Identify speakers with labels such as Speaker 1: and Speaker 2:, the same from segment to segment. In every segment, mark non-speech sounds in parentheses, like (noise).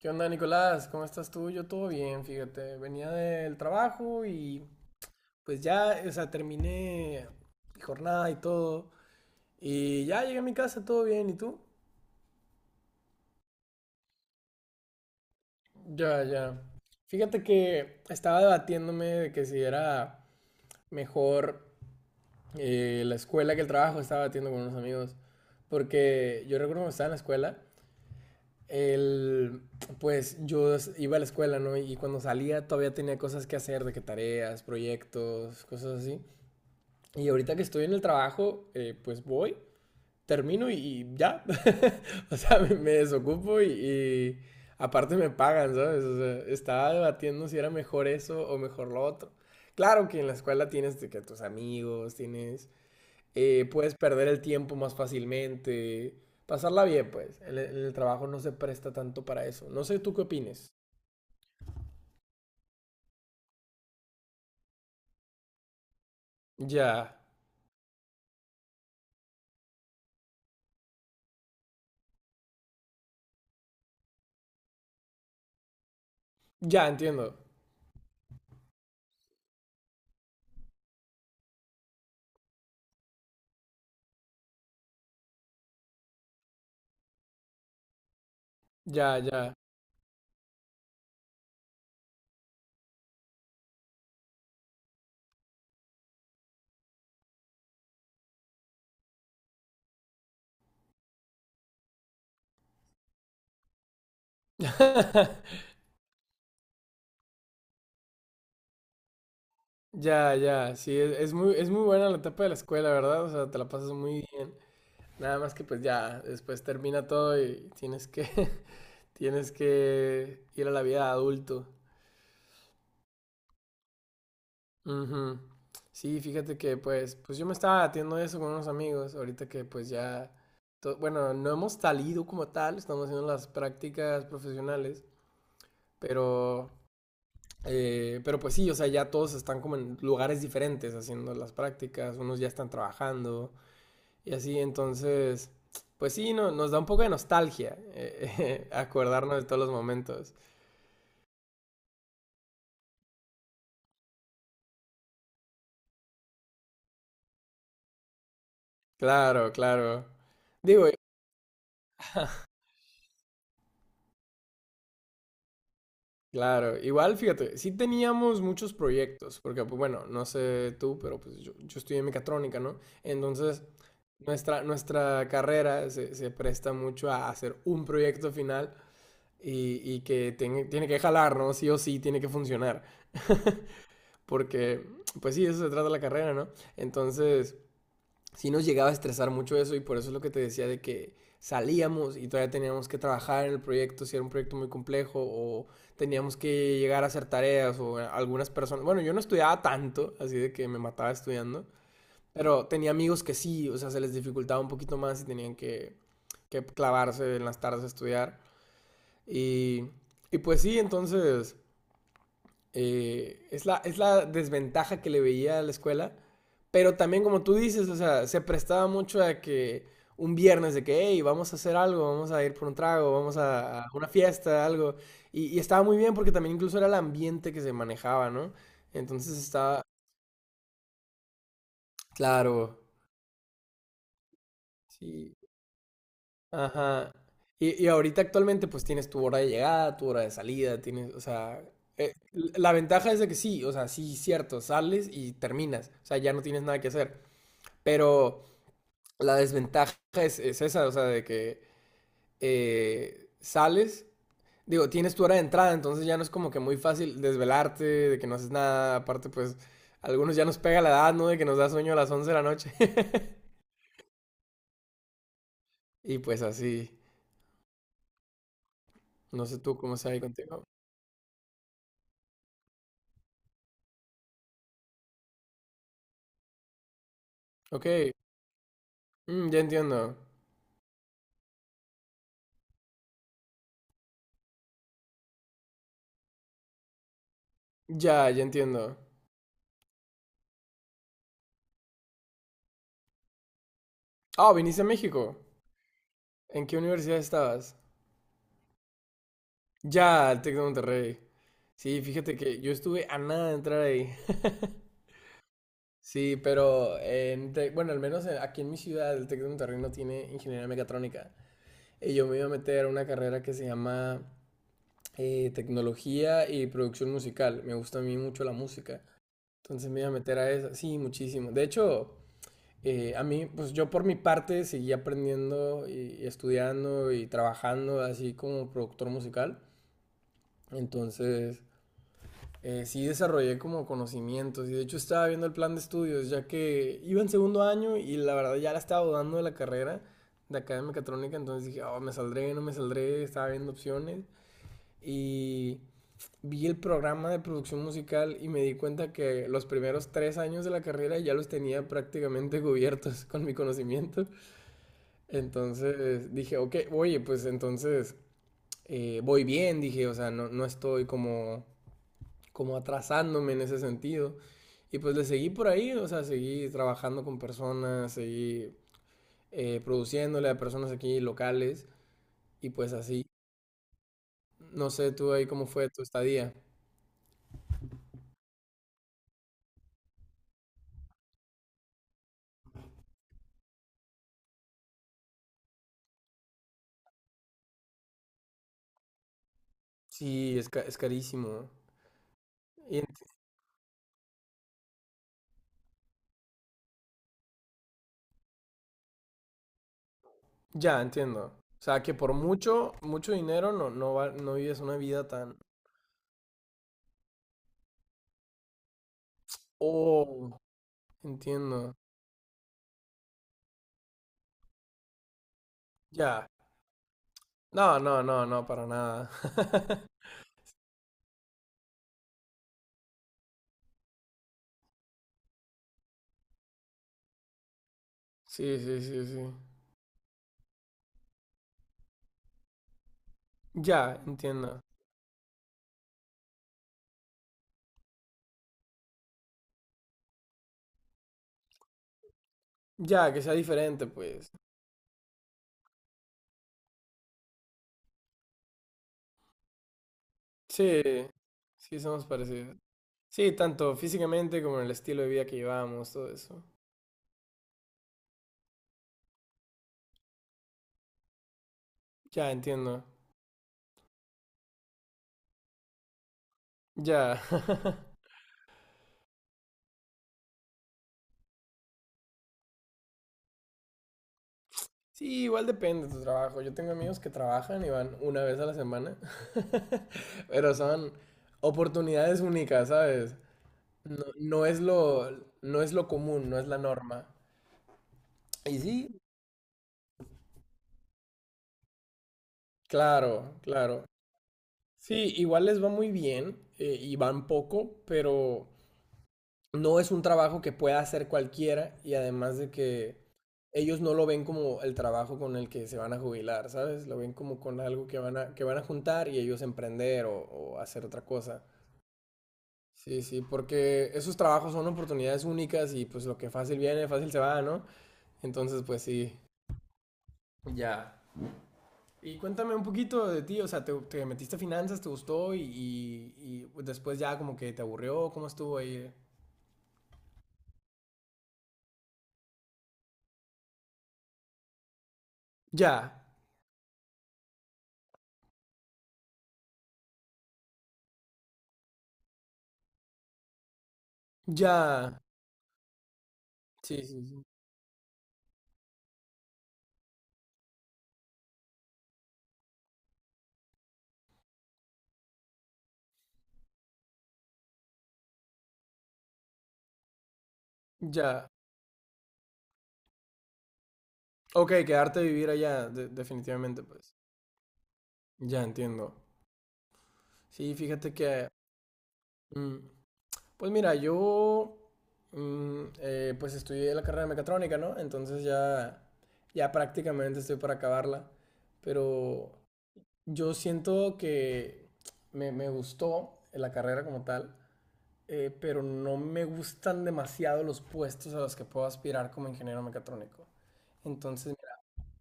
Speaker 1: ¿Qué onda, Nicolás? ¿Cómo estás tú? Yo todo bien, fíjate. Venía del trabajo y pues ya, o sea, terminé mi jornada y todo. Y ya llegué a mi casa, todo bien. ¿Y tú? Ya, ya. Fíjate que estaba debatiéndome de que si era mejor la escuela que el trabajo. Estaba debatiendo con unos amigos. Porque yo recuerdo cuando estaba en la escuela el, pues yo iba a la escuela, ¿no? Y cuando salía todavía tenía cosas que hacer, de que tareas, proyectos, cosas así. Y ahorita que estoy en el trabajo, pues voy, termino y ya. (laughs) O sea, me desocupo y, aparte me pagan, ¿sabes? O sea, estaba debatiendo si era mejor eso o mejor lo otro. Claro que en la escuela tienes que tus amigos, tienes puedes perder el tiempo más fácilmente, pasarla bien, pues. En el trabajo no se presta tanto para eso. No sé tú qué opines. Ya, ya entiendo. Ya, ya. (laughs) Ya, ya. Sí, es muy buena la etapa de la escuela, ¿verdad? O sea, te la pasas muy bien. Nada más que pues ya, después termina todo y tienes que, (laughs) tienes que ir a la vida de adulto. Ujú. Sí, fíjate que pues yo me estaba debatiendo eso con unos amigos, ahorita que pues ya, bueno, no hemos salido como tal, estamos haciendo las prácticas profesionales, pero, pero pues sí, o sea, ya todos están como en lugares diferentes haciendo las prácticas, unos ya están trabajando y así, entonces, pues sí, no, nos da un poco de nostalgia (laughs) acordarnos de todos los momentos. Claro, claro. Digo, claro, igual fíjate, sí teníamos muchos proyectos, porque pues, bueno, no sé tú, pero pues yo estudié mecatrónica, ¿no? Entonces, nuestra carrera se presta mucho a hacer un proyecto final y que tiene que jalar, ¿no? Sí o sí, tiene que funcionar. (laughs) Porque, pues sí, eso se trata la carrera, ¿no? Entonces, sí nos llegaba a estresar mucho eso y por eso es lo que te decía de que salíamos y todavía teníamos que trabajar en el proyecto, si era un proyecto muy complejo o teníamos que llegar a hacer tareas o algunas personas, bueno, yo no estudiaba tanto, así de que me mataba estudiando, pero tenía amigos que sí, o sea, se les dificultaba un poquito más y tenían que clavarse en las tardes a estudiar y, y pues sí, entonces es la desventaja que le veía a la escuela. Pero también, como tú dices, o sea, se prestaba mucho a que un viernes de que, hey, vamos a hacer algo, vamos a ir por un trago, vamos a una fiesta, algo. Y estaba muy bien porque también incluso era el ambiente que se manejaba, ¿no? Entonces estaba, claro, sí, ajá. Y ahorita actualmente pues tienes tu hora de llegada, tu hora de salida, tienes, o sea, eh, la ventaja es de que sí, o sea, sí, cierto, sales y terminas, o sea, ya no tienes nada que hacer. Pero la desventaja es esa, o sea, de que sales, digo, tienes tu hora de entrada, entonces ya no es como que muy fácil desvelarte, de que no haces nada, aparte pues a algunos ya nos pega la edad, ¿no? De que nos da sueño a las 11 de la noche. (laughs) Y pues así, no sé tú cómo sea ahí contigo. Ok, ya entiendo. Ya, ya entiendo. Ah, viniste a México. ¿En qué universidad estabas? Ya, el Tec de Monterrey. Sí, fíjate que yo estuve a nada de entrar ahí. Sí, pero en bueno, al menos aquí en mi ciudad, el Tec de Monterrey no tiene ingeniería mecatrónica. Y yo me iba a meter a una carrera que se llama tecnología y producción musical. Me gusta a mí mucho la música. Entonces me iba a meter a esa. Sí, muchísimo. De hecho, a mí, pues yo por mi parte seguí aprendiendo y estudiando y trabajando así como productor musical. Entonces, sí desarrollé como conocimientos y de hecho estaba viendo el plan de estudios ya que iba en segundo año y la verdad ya la estaba dudando de la carrera de acá de mecatrónica, entonces dije, oh, me saldré, no me saldré, estaba viendo opciones y vi el programa de producción musical y me di cuenta que los primeros 3 años de la carrera ya los tenía prácticamente (laughs) cubiertos con mi conocimiento, entonces dije, ok, oye, pues entonces voy bien, dije, o sea, no, no estoy como atrasándome en ese sentido. Y pues le seguí por ahí, o sea, seguí trabajando con personas, seguí produciéndole a personas aquí locales y pues así. No sé, tú ahí cómo fue tu estadía. Sí, es carísimo. Y ya, entiendo. O sea, que por mucho, mucho dinero no, no, no vives una vida tan... Oh, entiendo. Ya. No, no, no, no, para nada. (laughs) Sí, sí, sí, sí. Ya, entiendo. Ya, que sea diferente, pues. Sí, sí, somos parecidos. Sí, tanto físicamente como en el estilo de vida que llevamos, todo eso. Ya, entiendo. Ya. (laughs) Sí, igual depende de tu trabajo. Yo tengo amigos que trabajan y van una vez a la semana, (laughs) pero son oportunidades únicas, ¿sabes? No, no es lo común, no es la norma. Y sí, claro, claro. Sí, igual les va muy bien y van poco, pero no es un trabajo que pueda hacer cualquiera y además de que ellos no lo ven como el trabajo con el que se van a jubilar, ¿sabes? Lo ven como con algo que que van a juntar y ellos emprender o hacer otra cosa. Sí, sí, porque esos trabajos son oportunidades únicas y pues lo que fácil viene, fácil se va, ¿no? Entonces, pues sí. Ya. Y cuéntame un poquito de ti, o sea, ¿te metiste a finanzas, te gustó y después ya como que te aburrió? ¿Cómo estuvo ahí? Ya, ya. Sí, sí, sí. Ya. Ok, quedarte a vivir allá, definitivamente, pues. Ya entiendo. Sí, fíjate que, pues mira, yo, pues estudié la carrera de mecatrónica, ¿no? Entonces ya, ya prácticamente estoy para acabarla. Pero yo siento que me gustó la carrera como tal, pero no me gustan demasiado los puestos a los que puedo aspirar como ingeniero mecatrónico. Entonces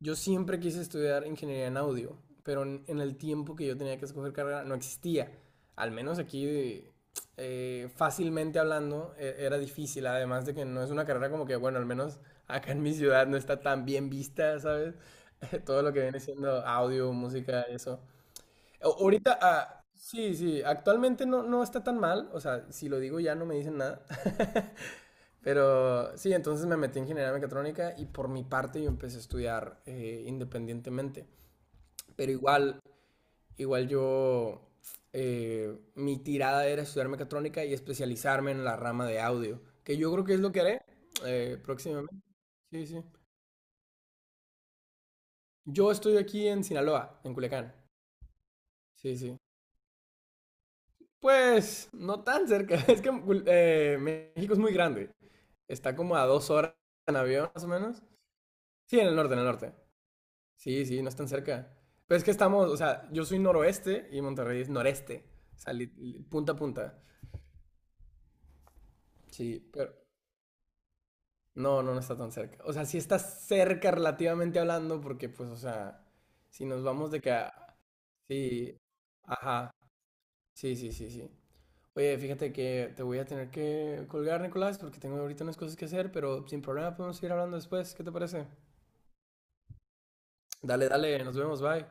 Speaker 1: yo siempre quise estudiar ingeniería en audio, pero en el tiempo que yo tenía que escoger carrera no existía. Al menos aquí, fácilmente hablando, era difícil. Además de que no es una carrera como que, bueno, al menos acá en mi ciudad no está tan bien vista, ¿sabes? (laughs) Todo lo que viene siendo audio, música, eso. Ahorita, ah, sí, sí, actualmente no, no está tan mal. O sea, si lo digo ya no me dicen nada. (laughs) Pero sí, entonces me metí en ingeniería mecatrónica y por mi parte yo empecé a estudiar independientemente. Pero igual mi tirada era estudiar mecatrónica y especializarme en la rama de audio, que yo creo que es lo que haré próximamente. Sí, sí. Yo estoy aquí en Sinaloa, en Culiacán. Sí, sí. Pues no tan cerca, (laughs) es que México es muy grande. Está como a 2 horas en avión, más o menos. Sí, en el norte, en el norte. Sí, sí, no es tan cerca. Pero es que estamos, o sea, yo soy noroeste y Monterrey es noreste. O sea, punta a punta. Sí, pero no, no, no está tan cerca. O sea, sí está cerca relativamente hablando, porque pues, o sea, si nos vamos de que Sí, ajá. Sí, sí, sí, sí. Oye, fíjate que te voy a tener que colgar, Nicolás, porque tengo ahorita unas cosas que hacer, pero sin problema podemos seguir hablando después. ¿Qué te parece? Dale, dale, nos vemos, bye.